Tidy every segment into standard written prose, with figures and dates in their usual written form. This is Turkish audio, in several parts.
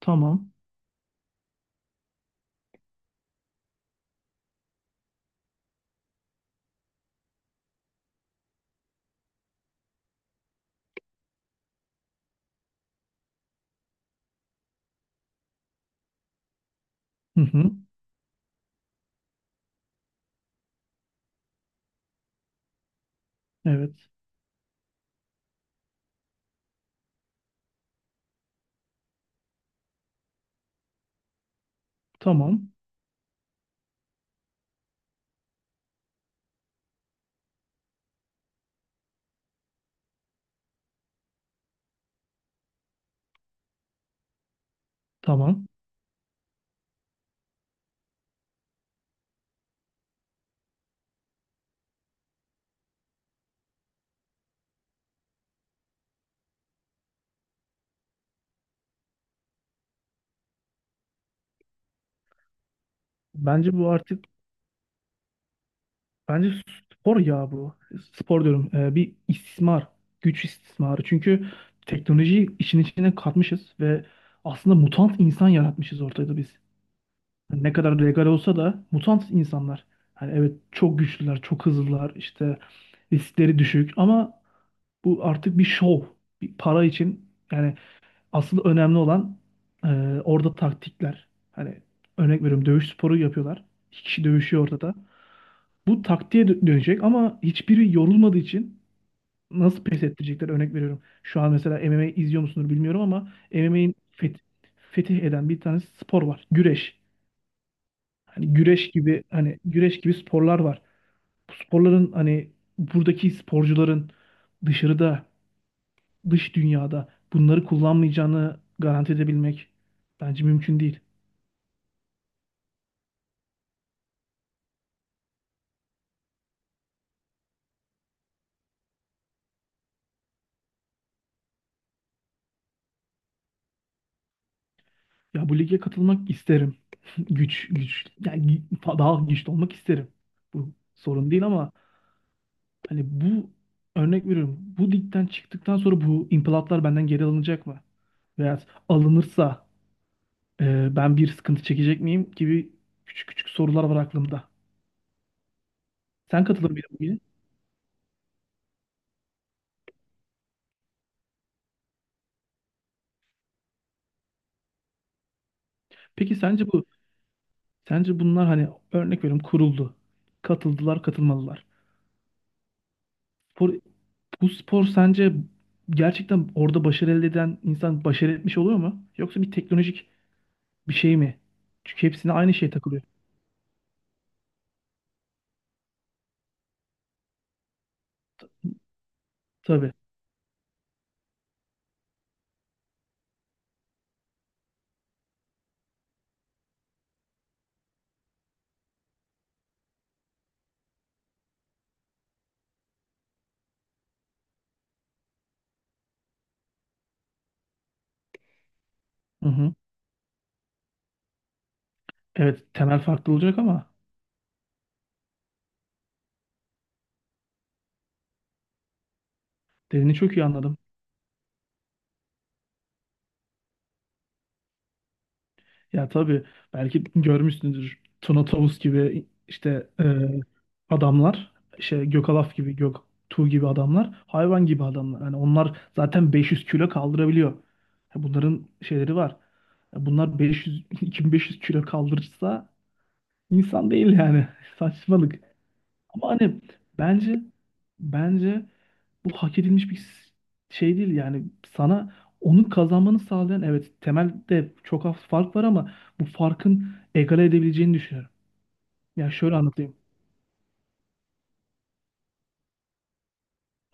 Tamam. Hı hı. Evet. Tamam. Tamam. Bence bu artık, bence spor ya bu. Spor diyorum. Bir istismar. Güç istismarı. Çünkü teknolojiyi işin içine katmışız ve aslında mutant insan yaratmışız ortada biz. Hani ne kadar legal olsa da mutant insanlar. Hani evet çok güçlüler, çok hızlılar, işte riskleri düşük ama bu artık bir şov. Bir para için yani. Asıl önemli olan, e, orada taktikler. Hani örnek veriyorum, dövüş sporu yapıyorlar. İki kişi dövüşüyor ortada. Bu taktiğe dönecek ama hiçbiri yorulmadığı için nasıl pes ettirecekler, örnek veriyorum. Şu an mesela MMA izliyor musunuz bilmiyorum ama MMA'in fetih eden bir tane spor var. Güreş. Hani güreş gibi sporlar var. Bu sporların hani buradaki sporcuların dışarıda, dış dünyada bunları kullanmayacağını garanti edebilmek bence mümkün değil. Ya bu lige katılmak isterim. Güç, güç. Yani daha güçlü olmak isterim. Bu sorun değil ama hani bu, örnek veriyorum. Bu ligden çıktıktan sonra bu implatlar benden geri alınacak mı? Veya alınırsa, ben bir sıkıntı çekecek miyim gibi küçük küçük sorular var aklımda. Sen katılır mıydın bugün? Peki sence bunlar hani, örnek veriyorum, kuruldu. Katıldılar, katılmalılar. Spor Bu spor sence gerçekten orada başarı elde eden insan başarı etmiş oluyor mu? Yoksa bir teknolojik bir şey mi? Çünkü hepsine aynı şey takılıyor. Tabii. Hı hı. Evet, temel farklı olacak ama dediğini çok iyi anladım. Ya tabii, belki görmüşsünüzdür Tuna Tavus gibi işte adamlar, işte Gökalaf gibi, Göktuğ gibi adamlar, hayvan gibi adamlar. Yani onlar zaten 500 kilo kaldırabiliyor. Ya bunların şeyleri var. Ya bunlar 500 2500 kilo kaldırırsa, İnsan değil yani. Saçmalık. Ama hani bence bence bu hak edilmiş bir şey değil yani. Sana onu kazanmanı sağlayan, evet temelde çok az fark var ama bu farkın egale edebileceğini düşünüyorum. Yani şöyle anlatayım.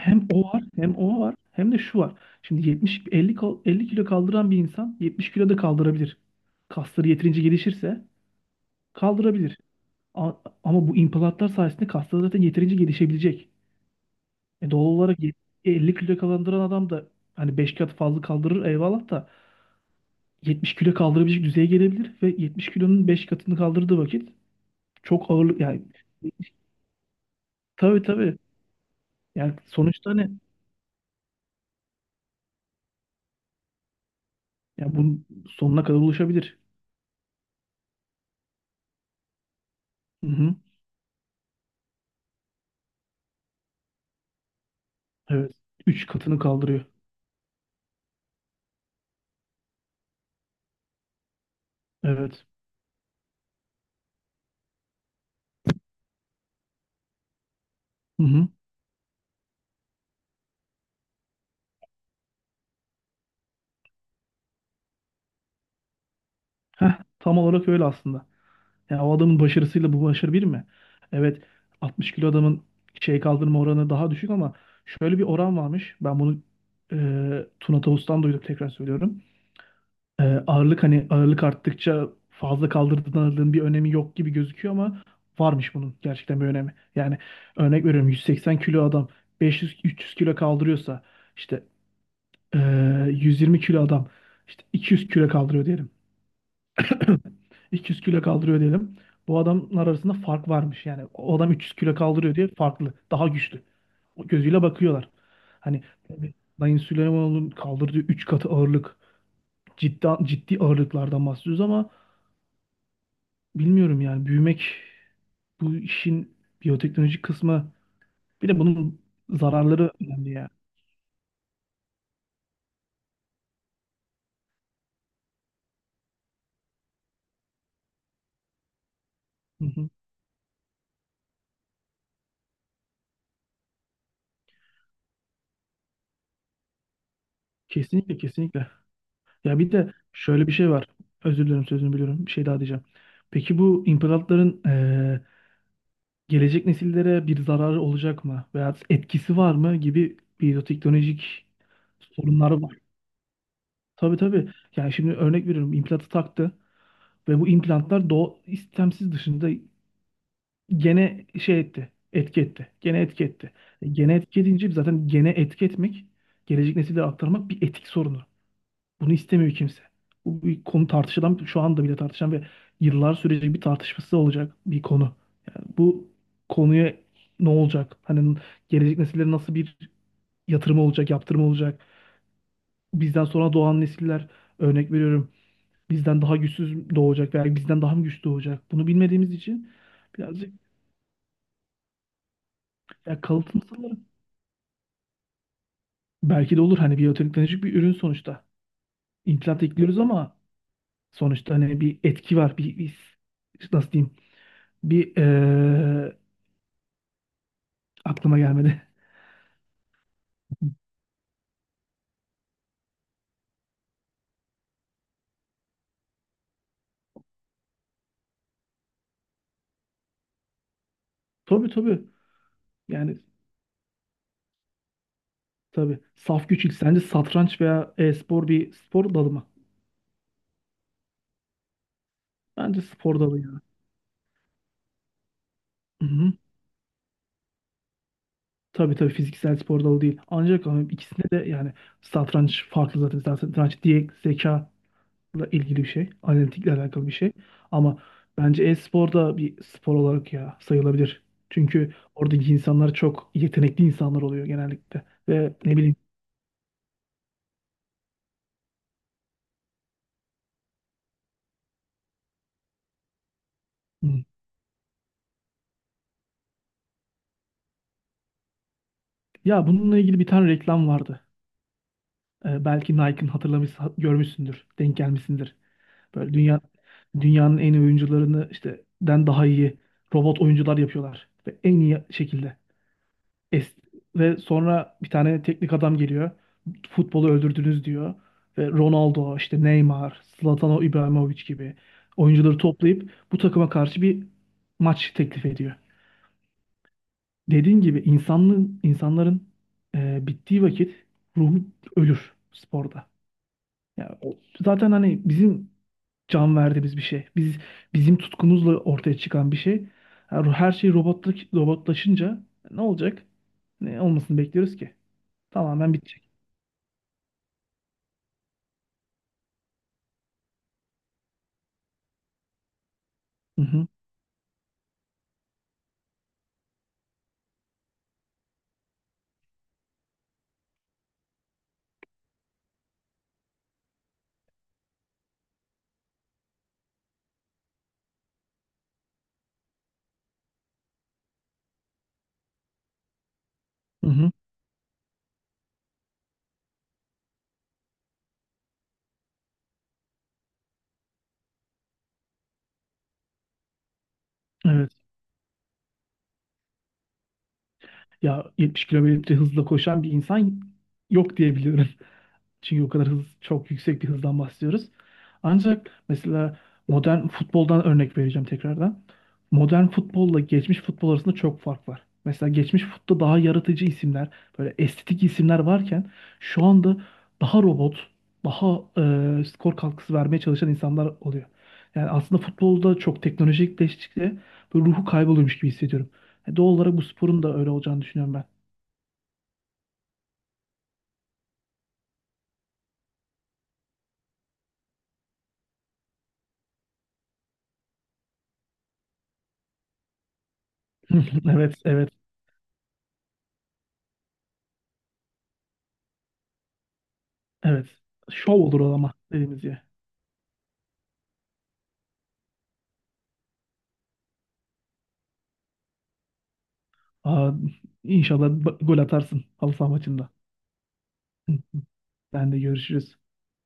Hem o var, hem o var, hem de şu var. Şimdi 70 50 50 kilo kaldıran bir insan 70 kilo da kaldırabilir. Kasları yeterince gelişirse kaldırabilir. A- Ama bu implantlar sayesinde kasları zaten yeterince gelişebilecek. Doğal olarak 50 kilo kaldıran adam da hani 5 kat fazla kaldırır eyvallah da 70 kilo kaldırabilecek düzeye gelebilir ve 70 kilonun 5 katını kaldırdığı vakit çok ağırlık yani. Tabii tabii. Yani sonuçta ne, yani bunun sonuna kadar ulaşabilir. Hı hı. Evet. Üç katını kaldırıyor. Evet. Hı hı. Heh, tam olarak öyle aslında. Yani o adamın başarısıyla bu başarı bir mi? Evet, 60 kilo adamın şey kaldırma oranı daha düşük ama şöyle bir oran varmış. Ben bunu, e, Tuna Tavus'tan duydum, tekrar söylüyorum. Ağırlık, hani ağırlık arttıkça fazla kaldırdığın ağırlığın bir önemi yok gibi gözüküyor ama varmış bunun gerçekten bir önemi. Yani örnek veriyorum, 180 kilo adam 500-300 kilo kaldırıyorsa, işte e, 120 kilo adam işte 200 kilo kaldırıyor diyelim. 200 kilo kaldırıyor diyelim. Bu adamlar arasında fark varmış yani. O adam 300 kilo kaldırıyor diye farklı, daha güçlü. O gözüyle bakıyorlar. Hani Sayın Süleymanoğlu'nun kaldırdığı 3 katı ağırlık, ciddi ciddi ağırlıklardan bahsediyoruz ama bilmiyorum yani, büyümek, bu işin biyoteknolojik kısmı, bir de bunun zararları önemli ya. Hı hı. Kesinlikle, kesinlikle. Ya bir de şöyle bir şey var. Özür dilerim sözünü biliyorum, bir şey daha diyeceğim. Peki bu imparatorların gelecek nesillere bir zararı olacak mı veya etkisi var mı gibi biyoteknolojik sorunları var. Tabii tabii. Yani şimdi örnek veriyorum, implantı taktı ve bu implantlar doğu istemsiz dışında gene şey etti. Etki etti. Gene etki etti. Gene etki edince zaten, gene etki etmek, gelecek nesillere aktarmak bir etik sorunu. Bunu istemiyor kimse. Bu bir konu tartışılan, şu anda bile tartışan ve yıllar sürecek bir tartışması olacak bir konu. Yani bu konuya ne olacak? Hani gelecek nesillere nasıl bir yatırım olacak, yaptırım olacak? Bizden sonra doğan nesiller, örnek veriyorum, bizden daha güçsüz doğacak veya bizden daha mı güçlü doğacak? Bunu bilmediğimiz için birazcık, ya kalıtımsızlar. Belki de olur, hani biyoteknolojik bir ürün sonuçta. İmplant ekliyoruz ama sonuçta hani bir etki var, bir nasıl diyeyim? bir Aklıma gelmedi. Tabii tabii. Yani tabii. Saf güç ilk. Sence satranç veya e-spor bir spor dalı mı? Bence spor dalı ya. Hı-hı. Tabii tabii, fiziksel spor dalı değil. Ama ikisinde de yani satranç farklı zaten. Zaten satranç diye, zekayla ilgili bir şey. Analitikle alakalı bir şey. Ama bence e-spor da bir spor olarak ya sayılabilir. Çünkü oradaki insanlar çok yetenekli insanlar oluyor genellikle. Ve ne bileyim. Hı. Ya bununla ilgili bir tane reklam vardı. Belki Nike'ın, hatırlamış, görmüşsündür, denk gelmişsindir. Böyle dünyanın en iyi oyuncularını işte den daha iyi robot oyuncular yapıyorlar ve en iyi şekilde. Es Ve sonra bir tane teknik adam geliyor. Futbolu öldürdünüz diyor ve Ronaldo, işte Neymar, Zlatan İbrahimovic gibi oyuncuları toplayıp bu takıma karşı bir maç teklif ediyor. Dediğin gibi insanların bittiği vakit ruhu ölür sporda. Ya o, zaten hani bizim can verdiğimiz bir şey. Bizim tutkumuzla ortaya çıkan bir şey. Her şey robotlaşınca ne olacak? Ne olmasını bekliyoruz ki? Tamamen bitecek. Hı hı. Hı hı. Evet. Ya 70 kilometre hızla koşan bir insan yok diyebiliyorum. Çünkü o kadar hız, çok yüksek bir hızdan bahsediyoruz. Ancak mesela modern futboldan örnek vereceğim tekrardan. Modern futbolla geçmiş futbol arasında çok fark var. Mesela geçmiş futbolda daha yaratıcı isimler, böyle estetik isimler varken, şu anda daha robot, daha skor katkısı vermeye çalışan insanlar oluyor. Yani aslında futbolda çok teknolojikleştikçe böyle ruhu kayboluyormuş gibi hissediyorum. Yani doğal olarak bu sporun da öyle olacağını düşünüyorum ben. Evet, evet, evet. Şov olur o ama dediğimiz gibi. Aa, inşallah gol atarsın halı saha maçında. Sen de görüşürüz.